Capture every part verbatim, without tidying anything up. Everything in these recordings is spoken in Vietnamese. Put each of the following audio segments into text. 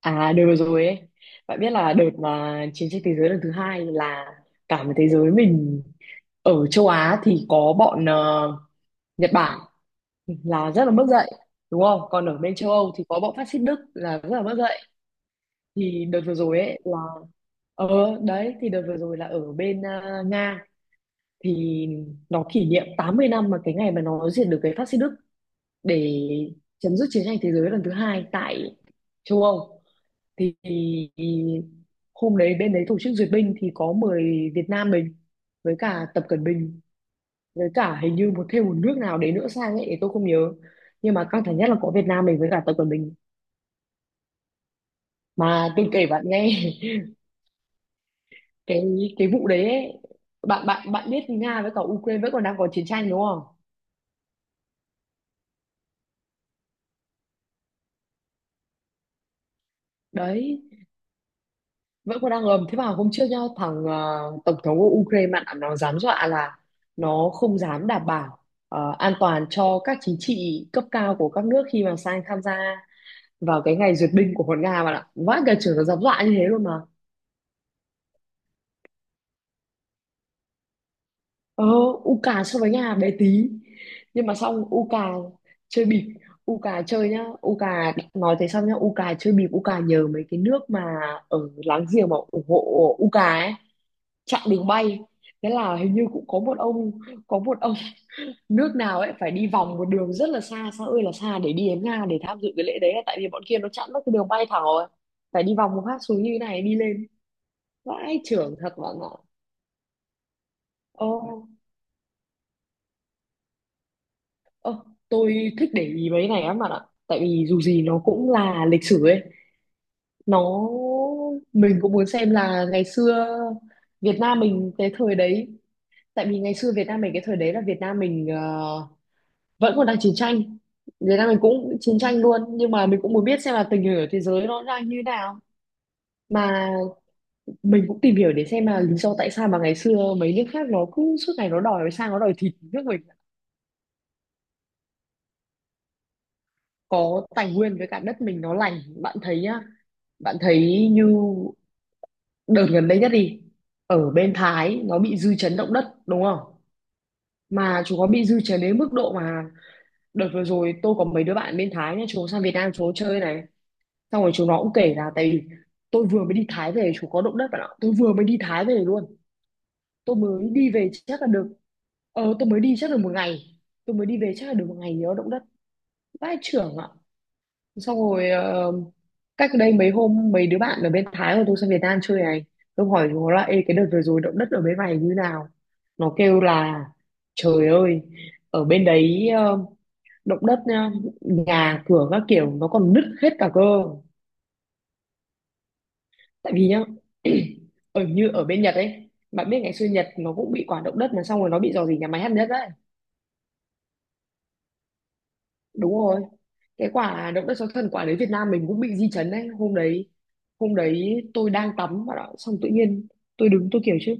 À đợt vừa rồi ấy, bạn biết là đợt mà chiến tranh thế giới lần thứ hai là cả một thế giới mình ở châu Á thì có bọn ờ, Nhật Bản là rất là mất dạy, đúng không? Còn ở bên châu Âu thì có bọn phát xít Đức là rất là mất dạy. Thì đợt vừa rồi ấy là ờ Đấy, thì đợt vừa rồi là ở bên ờ, Nga thì nó kỷ niệm tám mươi năm mà cái ngày mà nó diệt được cái phát xít Đức, để chấm dứt chiến tranh thế giới lần thứ hai tại châu Âu. Thì hôm đấy bên đấy tổ chức duyệt binh thì có mời Việt Nam mình với cả Tập Cận Bình, với cả hình như một thêm một nước nào đấy nữa sang ấy thì tôi không nhớ, nhưng mà căng thẳng nhất là có Việt Nam mình với cả Tập Cận Bình. Mà tôi kể bạn nghe, cái cái vụ đấy ấy, bạn bạn bạn biết Nga với cả Ukraine vẫn còn đang có chiến tranh đúng không? Đấy, vẫn còn đang ngầm. Thế mà hôm trước nhá, thằng ờ, tổng thống của Ukraine ạ, nó dám dọa là nó không dám đảm bảo ờ, an toàn cho các chính trị cấp cao của các nước khi mà sang tham gia vào cái ngày duyệt binh của con Nga, bạn ạ. Vãi cả trưởng, nó dám dọa như thế luôn mà. ờ Uka so với nhà bé tí, nhưng mà xong Uka chơi bịp. Uka chơi nhá, Uka nói thế xong nhá, Uka chơi bịp, Uka nhờ mấy cái nước mà ở láng giềng mà ủng hộ Uka ấy chặn đường bay. Thế là hình như cũng có một ông, có một ông nước nào ấy phải đi vòng một đường rất là xa, xa ơi là xa để đi đến Nga để tham dự cái lễ đấy, tại vì bọn kia nó chặn mất cái đường bay thẳng rồi, phải đi vòng một phát xuống như thế này đi lên. Vãi trưởng thật bạn ạ. ô Ơ, tôi thích để ý mấy cái này lắm bạn ạ. Tại vì dù gì nó cũng là lịch sử ấy. Nó mình cũng muốn xem là ngày xưa Việt Nam mình cái thời đấy. Tại vì ngày xưa Việt Nam mình cái thời đấy là Việt Nam mình ờ, vẫn còn đang chiến tranh. Việt Nam mình cũng chiến tranh luôn. Nhưng mà mình cũng muốn biết xem là tình hình ở thế giới nó đang như thế nào. Mà mình cũng tìm hiểu để xem là lý do tại sao mà ngày xưa mấy nước khác nó cứ suốt ngày nó đòi sang nó đòi thịt nước mình. Có tài nguyên với cả đất mình nó lành, bạn thấy nhá. Bạn thấy như đợt gần đây nhất đi, ở bên Thái nó bị dư chấn động đất đúng không? Mà chúng nó bị dư chấn đến mức độ mà đợt vừa rồi tôi có mấy đứa bạn bên Thái nhá, chúng nó sang Việt Nam chúng nó chơi này, xong rồi chúng nó cũng kể là tại vì tôi vừa mới đi Thái về chúng có động đất bạn ạ. Tôi vừa mới đi Thái về luôn, tôi mới đi về chắc là được ờ tôi mới đi chắc là một ngày, tôi mới đi về chắc là được một ngày nhớ động đất. Vãi chưởng ạ. Xong rồi ờ, cách đây mấy hôm mấy đứa bạn ở bên Thái của tôi sang Việt Nam chơi này, tôi hỏi nó là: Ê, cái đợt vừa rồi động đất ở bên này như nào? Nó kêu là: Trời ơi, ở bên đấy ờ, động đất nhá, nhà cửa các kiểu nó còn nứt hết cả cơ. Tại vì nhá, ở như ở bên Nhật ấy, bạn biết ngày xưa Nhật nó cũng bị quả động đất mà xong rồi nó bị rò rỉ nhà máy hạt nhân đấy. Đúng rồi, cái quả động đất sóng thần quả đấy Việt Nam mình cũng bị di chấn đấy hôm đấy. Hôm đấy tôi đang tắm bạn ạ, xong tự nhiên tôi đứng tôi kiểu chứ: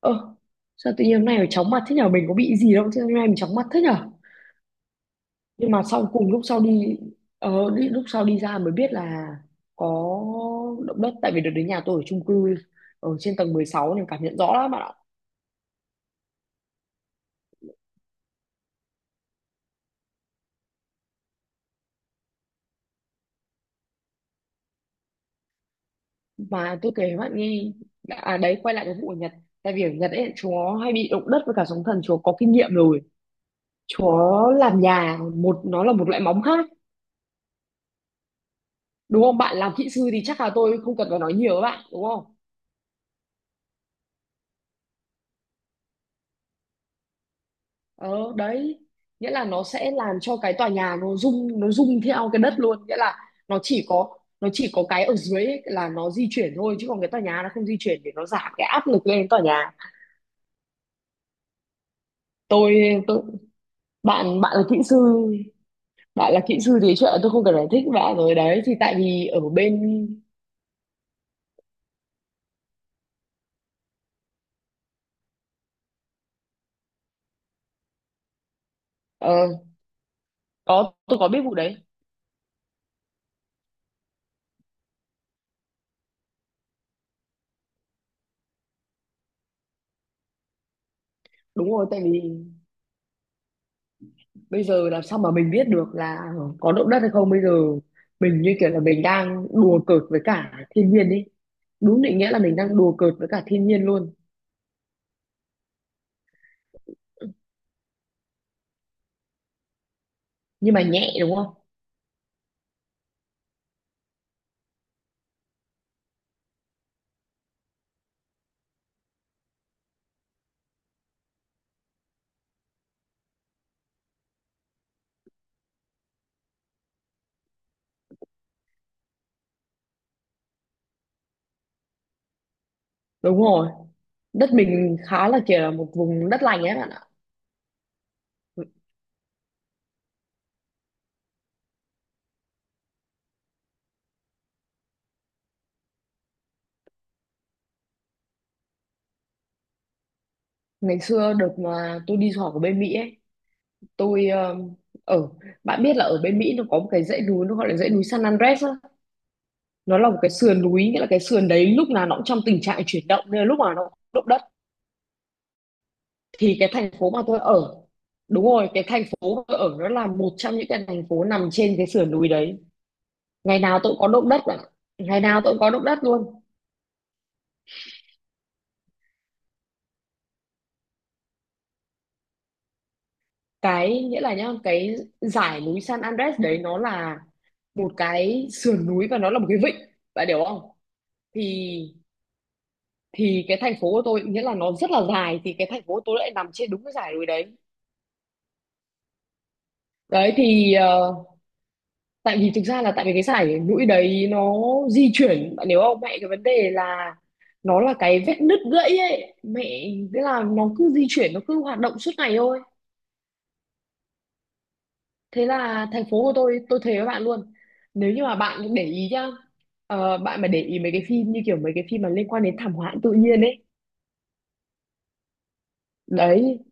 Ơ, sao tự nhiên hôm nay phải chóng mặt thế nhở? Mình có bị gì đâu, chứ hôm nay mình chóng mặt thế nhở? Nhưng mà sau cùng lúc sau đi, ờ, đi lúc sau đi ra mới biết là có động đất. Tại vì đợt đến nhà tôi ở chung cư ở trên tầng mười sáu nên cảm nhận rõ lắm bạn ạ. Mà tôi kể với bạn nghe, à đấy, quay lại cái vụ ở Nhật. Tại vì ở Nhật ấy, chúa hay bị động đất với cả sóng thần, chúa có kinh nghiệm rồi. Chúa làm nhà, một nó là một loại móng khác. Đúng không? Bạn làm kỹ sư thì chắc là tôi không cần phải nói nhiều với bạn, đúng không? ờ Đấy, nghĩa là nó sẽ làm cho cái tòa nhà nó rung, nó rung theo cái đất luôn. Nghĩa là nó chỉ có nó chỉ có cái ở dưới ấy là nó di chuyển thôi, chứ còn cái tòa nhà nó không di chuyển, để nó giảm cái áp lực lên tòa nhà. Tôi tôi bạn bạn là kỹ sư, bạn là kỹ sư thì chuyện tôi không cần giải thích bạn rồi đấy. Thì tại vì ở bên ờ có, tôi có biết vụ đấy. Đúng rồi, tại vì bây giờ làm sao mà mình biết được là có động đất hay không bây giờ? Mình như kiểu là mình đang đùa cợt với cả thiên nhiên đi. Đúng định nghĩa là mình đang đùa cợt với cả thiên nhiên luôn. Nhưng mà nhẹ, đúng không? Đúng rồi. Đất mình khá là kiểu là một vùng đất lành ấy bạn ạ. Ngày xưa được mà tôi đi du học ở bên Mỹ ấy, tôi um, ở, bạn biết là ở bên Mỹ nó có một cái dãy núi nó gọi là dãy núi San Andres á. Nó là một cái sườn núi, nghĩa là cái sườn đấy lúc nào nó cũng trong tình trạng chuyển động nên là lúc nào nó cũng động đất. Thì cái thành phố mà tôi ở, đúng rồi, cái thành phố mà tôi ở nó là một trong những cái thành phố nằm trên cái sườn núi đấy. Ngày nào tôi cũng có động đất ạ, ngày nào tôi cũng có động đất luôn. Cái nghĩa là nhá, cái dải núi San Andres đấy nó là một cái sườn núi và nó là một cái vịnh, bạn hiểu không? Thì thì cái thành phố của tôi, nghĩa là nó rất là dài, thì cái thành phố của tôi lại nằm trên đúng cái dải núi đấy. Đấy thì ờ, tại vì thực ra là tại vì cái sải mũi đấy nó di chuyển, bạn hiểu không mẹ? Cái vấn đề là nó là cái vết nứt gãy ấy mẹ. Thế là nó cứ di chuyển, nó cứ hoạt động suốt ngày thôi. Thế là thành phố của tôi tôi thề với bạn luôn, nếu như mà bạn để ý nhá, ờ, bạn mà để ý mấy cái phim như kiểu mấy cái phim mà liên quan đến thảm họa tự nhiên ấy đấy,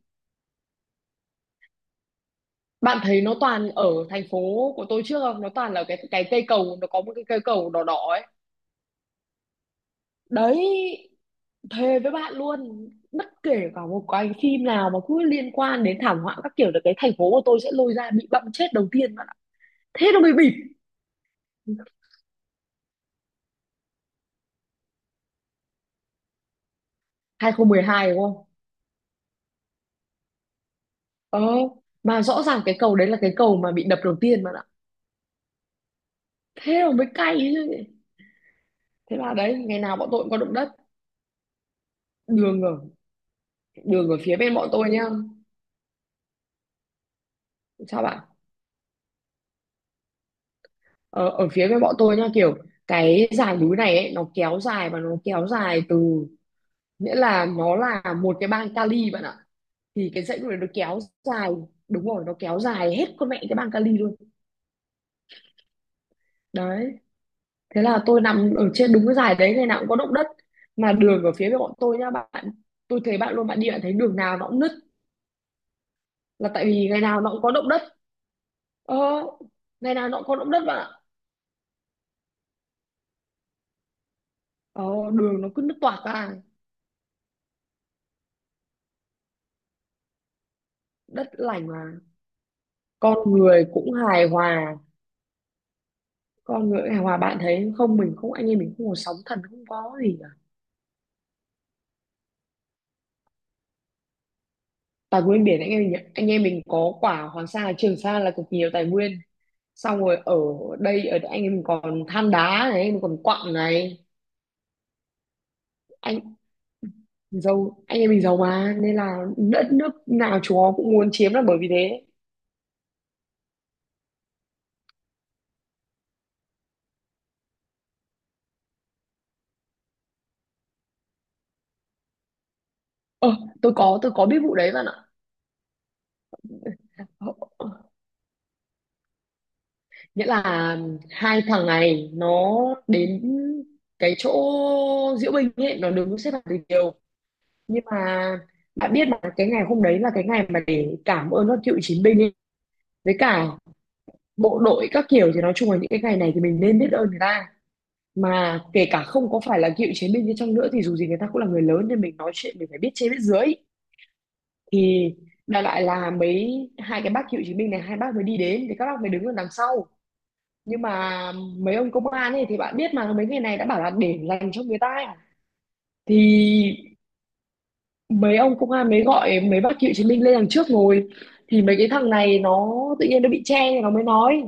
bạn thấy nó toàn ở thành phố của tôi trước không? Nó toàn là cái cái cây cầu, nó có một cái cây cầu đỏ đỏ ấy đấy. Thề với bạn luôn, bất kể cả một cái phim nào mà cứ liên quan đến thảm họa các kiểu là cái thành phố của tôi sẽ lôi ra bị bậm chết đầu tiên bạn ạ. Thế nó mới bịp. hai không một hai đúng không? Ờ, mà rõ ràng cái cầu đấy là cái cầu mà bị đập đầu tiên bạn ạ. Thế mà mới cay chứ. Thế là đấy, ngày nào bọn tôi cũng có động đất. đường ở Đường ở phía bên bọn tôi nhá. Sao bạn? ờ, Ở phía bên bọn tôi nhá, kiểu cái dải núi này ấy, nó kéo dài và nó kéo dài từ, nghĩa là nó là một cái bang Cali bạn ạ. Thì cái dãy lúc nó kéo dài, đúng rồi, nó kéo dài hết con mẹ cái băng kali luôn. Đấy, thế là tôi nằm ở trên đúng cái dài đấy, ngày nào cũng có động đất. Mà đường ở phía bên bọn tôi nhá bạn, tôi thấy bạn luôn, bạn đi bạn thấy đường nào nó cũng nứt, là tại vì ngày nào nó cũng có động đất. ờ, Ngày nào nó cũng có động đất bạn ạ. ờ, Đường nó cứ nứt toạc ra. Đất lành mà. Con người cũng hài hòa. Con người hài hòa, bạn thấy không? Mình không, anh em mình không có sóng thần, không có gì cả. Tài nguyên biển anh em mình, anh Em mình có quả Hoàng Sa Trường Sa là cực nhiều tài nguyên. Xong rồi ở đây, ở anh em mình còn than đá này, mình còn quặng này. Anh giàu, anh em mình giàu mà, nên là đất nước nào chúng nó cũng muốn chiếm là bởi vì thế. Ờ, tôi có, tôi có biết vụ đấy bạn ạ. Ờ, Nghĩa là hai thằng này nó đến cái chỗ diễu binh ấy, nó đứng xếp hàng từ nhiều. Nhưng mà bạn biết mà, cái ngày hôm đấy là cái ngày mà để cảm ơn các cựu chiến binh ấy, với cả bộ đội các kiểu, thì nói chung là những cái ngày này thì mình nên biết ơn người ta. Mà kể cả không có phải là cựu chiến binh đi chăng nữa thì dù gì người ta cũng là người lớn, nên mình nói chuyện mình phải biết trên biết dưới. Thì đại loại là mấy, hai cái bác cựu chiến binh này, hai bác mới đi đến thì các bác mới đứng ở đằng sau. Nhưng mà mấy ông công an ấy thì bạn biết mà, mấy ngày này đã bảo là để dành cho người ta ấy. Thì mấy ông công an mới gọi mấy bác cựu chiến binh lên đằng trước ngồi. Thì mấy cái thằng này nó tự nhiên nó bị che thì nó mới nói,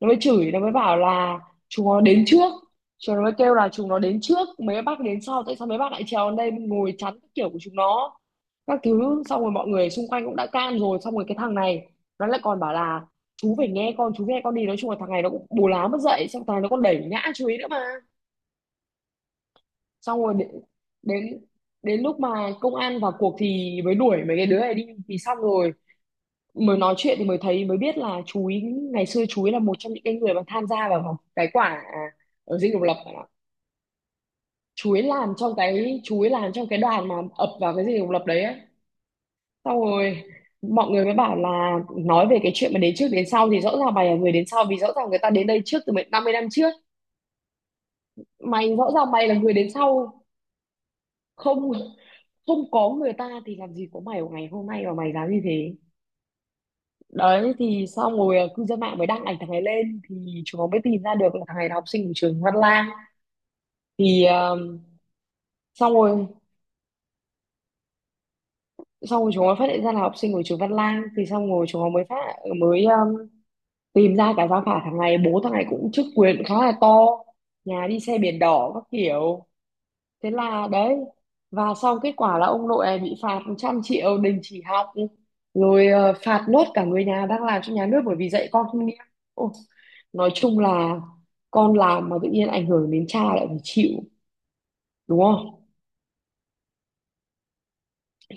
nó mới chửi, nó mới bảo là chúng nó đến trước. Chúng nó mới kêu là chúng nó đến trước, mấy bác đến sau, tại sao mấy bác lại trèo lên đây ngồi chắn các kiểu của chúng nó, các thứ. Xong rồi mọi người xung quanh cũng đã can rồi, xong rồi cái thằng này nó lại còn bảo là chú phải nghe con, chú nghe con đi. Nói chung là thằng này nó cũng bù lá mất dậy, xong thằng này nó còn đẩy ngã chú ý nữa mà. Xong rồi đến, đến đến lúc mà công an vào cuộc thì mới đuổi mấy cái đứa này đi. Thì xong rồi mới nói chuyện thì mới thấy, mới biết là chú ý ngày xưa, chú ý là một trong những cái người mà tham gia vào cái quả à, ở dinh độc lập bạn ạ. Chú ý làm trong cái, chú ý làm trong cái đoàn mà ập vào cái dinh độc lập đấy ấy. Xong rồi mọi người mới bảo là nói về cái chuyện mà đến trước đến sau thì rõ ràng mày là người đến sau, vì rõ ràng người ta đến đây trước từ mấy- năm mươi năm trước. Mày rõ ràng mày là người đến sau. Không, không có người ta thì làm gì có mày ở ngày hôm nay mà mày dám như thế. Đấy, thì xong rồi à, cư dân mạng mới đăng ảnh thằng này lên thì chúng nó mới tìm ra được là thằng này là học sinh của trường Văn Lang. Thì à, xong rồi, xong rồi chúng nó phát hiện ra là học sinh của trường Văn Lang, thì xong rồi chúng nó mới phát, mới à, tìm ra cả gia phả thằng này. Bố thằng này cũng chức quyền khá là to, nhà đi xe biển đỏ các kiểu. Thế là đấy, và xong kết quả là ông nội này bị phạt trăm triệu, đình chỉ học rồi. ờ, Phạt nốt cả người nhà đang làm cho nhà nước bởi vì dạy con không nghiêm. Ôi, nói chung là con làm mà tự nhiên ảnh hưởng đến cha lại phải chịu, đúng không?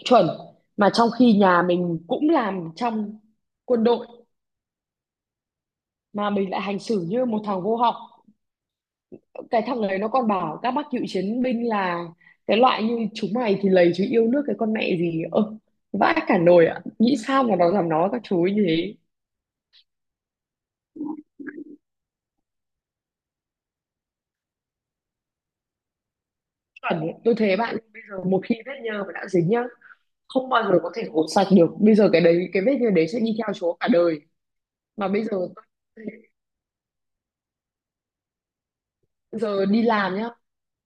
Chuẩn. Mà trong khi nhà mình cũng làm trong quân đội mà mình lại hành xử như một thằng vô học. Cái thằng đấy nó còn bảo các bác cựu chiến binh là cái loại như chúng mày thì lầy chứ yêu nước cái con mẹ gì. Ơ, vãi cả nồi ạ, nghĩ sao mà nó dám nói các chú ấy như thế. Chuẩn ấy. Tôi thấy bạn, bây giờ một khi vết nhơ mà đã dính nhá, không bao giờ có thể gột sạch được. Bây giờ cái đấy, cái vết nhơ đấy sẽ đi theo chú cả đời. Mà bây giờ tôi- giờ đi làm nhá,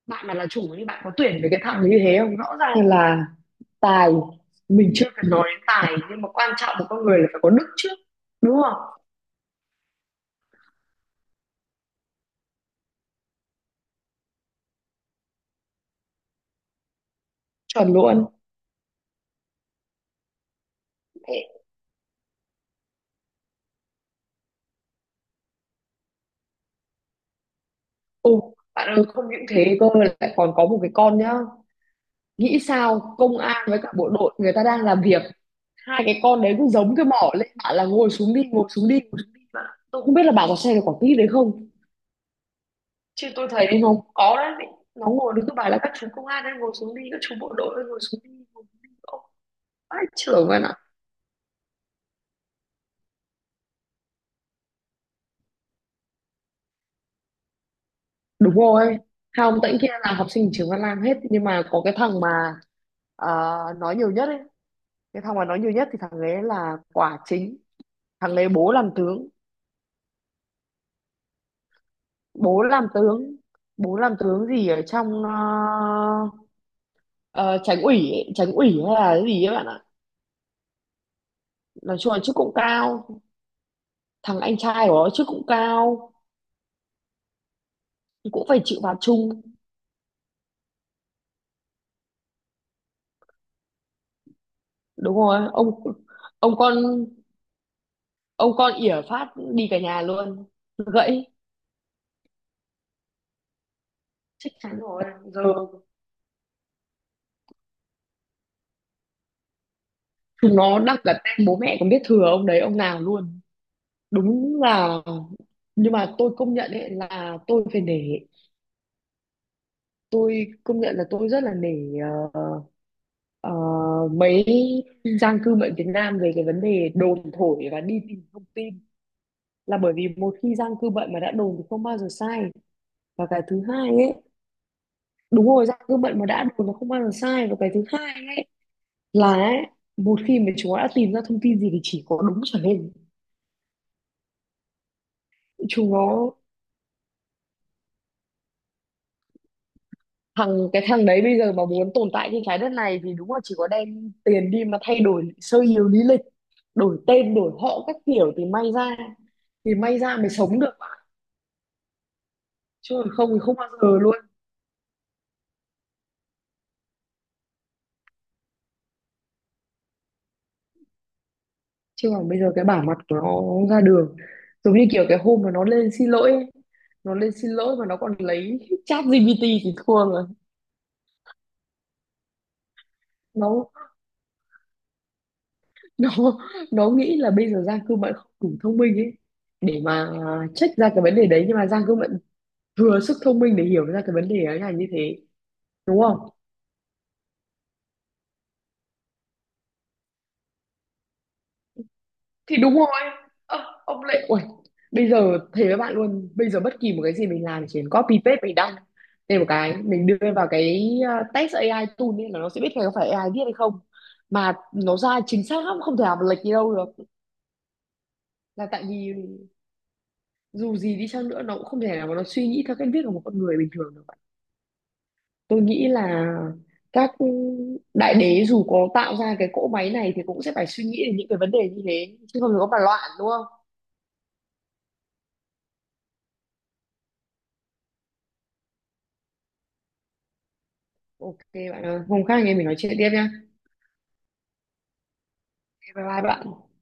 bạn mà là chủ thì bạn có tuyển với cái thằng như thế không? Rõ ràng là tài, mình chưa cần nói đến tài nhưng mà quan trọng của con người là phải có đức trước, đúng không? Chuẩn luôn. Mẹ. Ồ, bạn ơi, không những thế cơ, lại còn có một cái con nhá. Nghĩ sao công an với cả bộ đội người ta đang làm việc, hai cái con đấy cũng giống cái mỏ lên bảo là ngồi xuống đi, ngồi xuống đi, ngồi xuống đi mà. Tôi không biết là bà có xem được quả clip đấy không, chứ tôi thấy nó có đấy. Nó ngồi đứng cứ bảo là các chú công an đang ngồi xuống đi, các chú bộ đội đang ngồi xuống đi, ngồi xuống đi ông. Vãi trưởng vậy ạ. Đúng rồi, hai ông tãnh kia là học sinh trường Văn Lang hết, nhưng mà có cái thằng mà à, nói nhiều nhất ấy, cái thằng mà nói nhiều nhất thì thằng ấy là quả chính. Thằng đấy bố làm tướng, bố làm tướng, bố làm tướng gì ở trong ờ, ờ, Tránh ủy ấy, Tránh ủy hay là cái gì ấy bạn ạ. Nói chung là chức cũng cao, thằng anh trai của nó chức cũng cao, cũng phải chịu phạt chung. Đúng rồi ông ông con, ông con ỉa phát đi cả nhà luôn. Gãy. Chắc chắn rồi. Giờ chúng nó đặt cả tên bố mẹ, còn biết thừa ông đấy ông nào luôn. Đúng là, nhưng mà tôi công nhận ấy, là tôi phải để, tôi công nhận là tôi rất là nể ờ, ờ, mấy giang cư bệnh Việt Nam về cái vấn đề đồn thổi và đi tìm thông tin. Là bởi vì một khi giang cư bệnh mà đã đồn thì không bao giờ sai. Và cái thứ hai ấy, đúng rồi, giang cư bệnh mà đã đồn nó không bao giờ sai. Và cái thứ hai ấy là ấy, một khi mà chúng nó đã tìm ra thông tin gì thì chỉ có đúng trở lên. Chúng nó, thằng cái thằng đấy bây giờ mà muốn tồn tại trên trái đất này thì đúng là chỉ có đem tiền đi mà thay đổi sơ yếu lý lịch, đổi tên đổi họ các kiểu thì may ra, thì may ra mới sống được. Chứ còn không thì không bao giờ luôn. Chứ còn bây giờ cái bả mặt của nó ra đường, giống như kiểu cái hôm mà nó lên xin lỗi ấy. Nó lên xin lỗi mà nó còn lấy chat gi pi ép thì thua rồi. Nó, nó nó nghĩ là bây giờ Giang Cương Mận không đủ thông minh ấy để mà check ra cái vấn đề đấy, nhưng mà Giang Cương Mận vừa sức thông minh để hiểu ra cái vấn đề ấy là như thế, đúng không? Thì đúng rồi. Ơ, ông lại, Uầy, bây giờ thề với bạn luôn, bây giờ bất kỳ một cái gì mình làm chỉ cần copy paste, mình đăng thêm một cái, mình đưa vào cái uh, test a i tool nên là nó sẽ biết là có phải a i viết hay không. Mà nó ra chính xác lắm, không thể nào mà lệch đi đâu được. Là tại vì dù gì đi chăng nữa, nó cũng không thể nào mà nó suy nghĩ theo cách viết của một con người bình thường được. Tôi nghĩ là các đại đế dù có tạo ra cái cỗ máy này thì cũng sẽ phải suy nghĩ đến những cái vấn đề như thế, chứ không thì có mà loạn, đúng không? OK, bạn ơi, hôm khác anh em mình nói chuyện tiếp nhá. Bye bye bạn.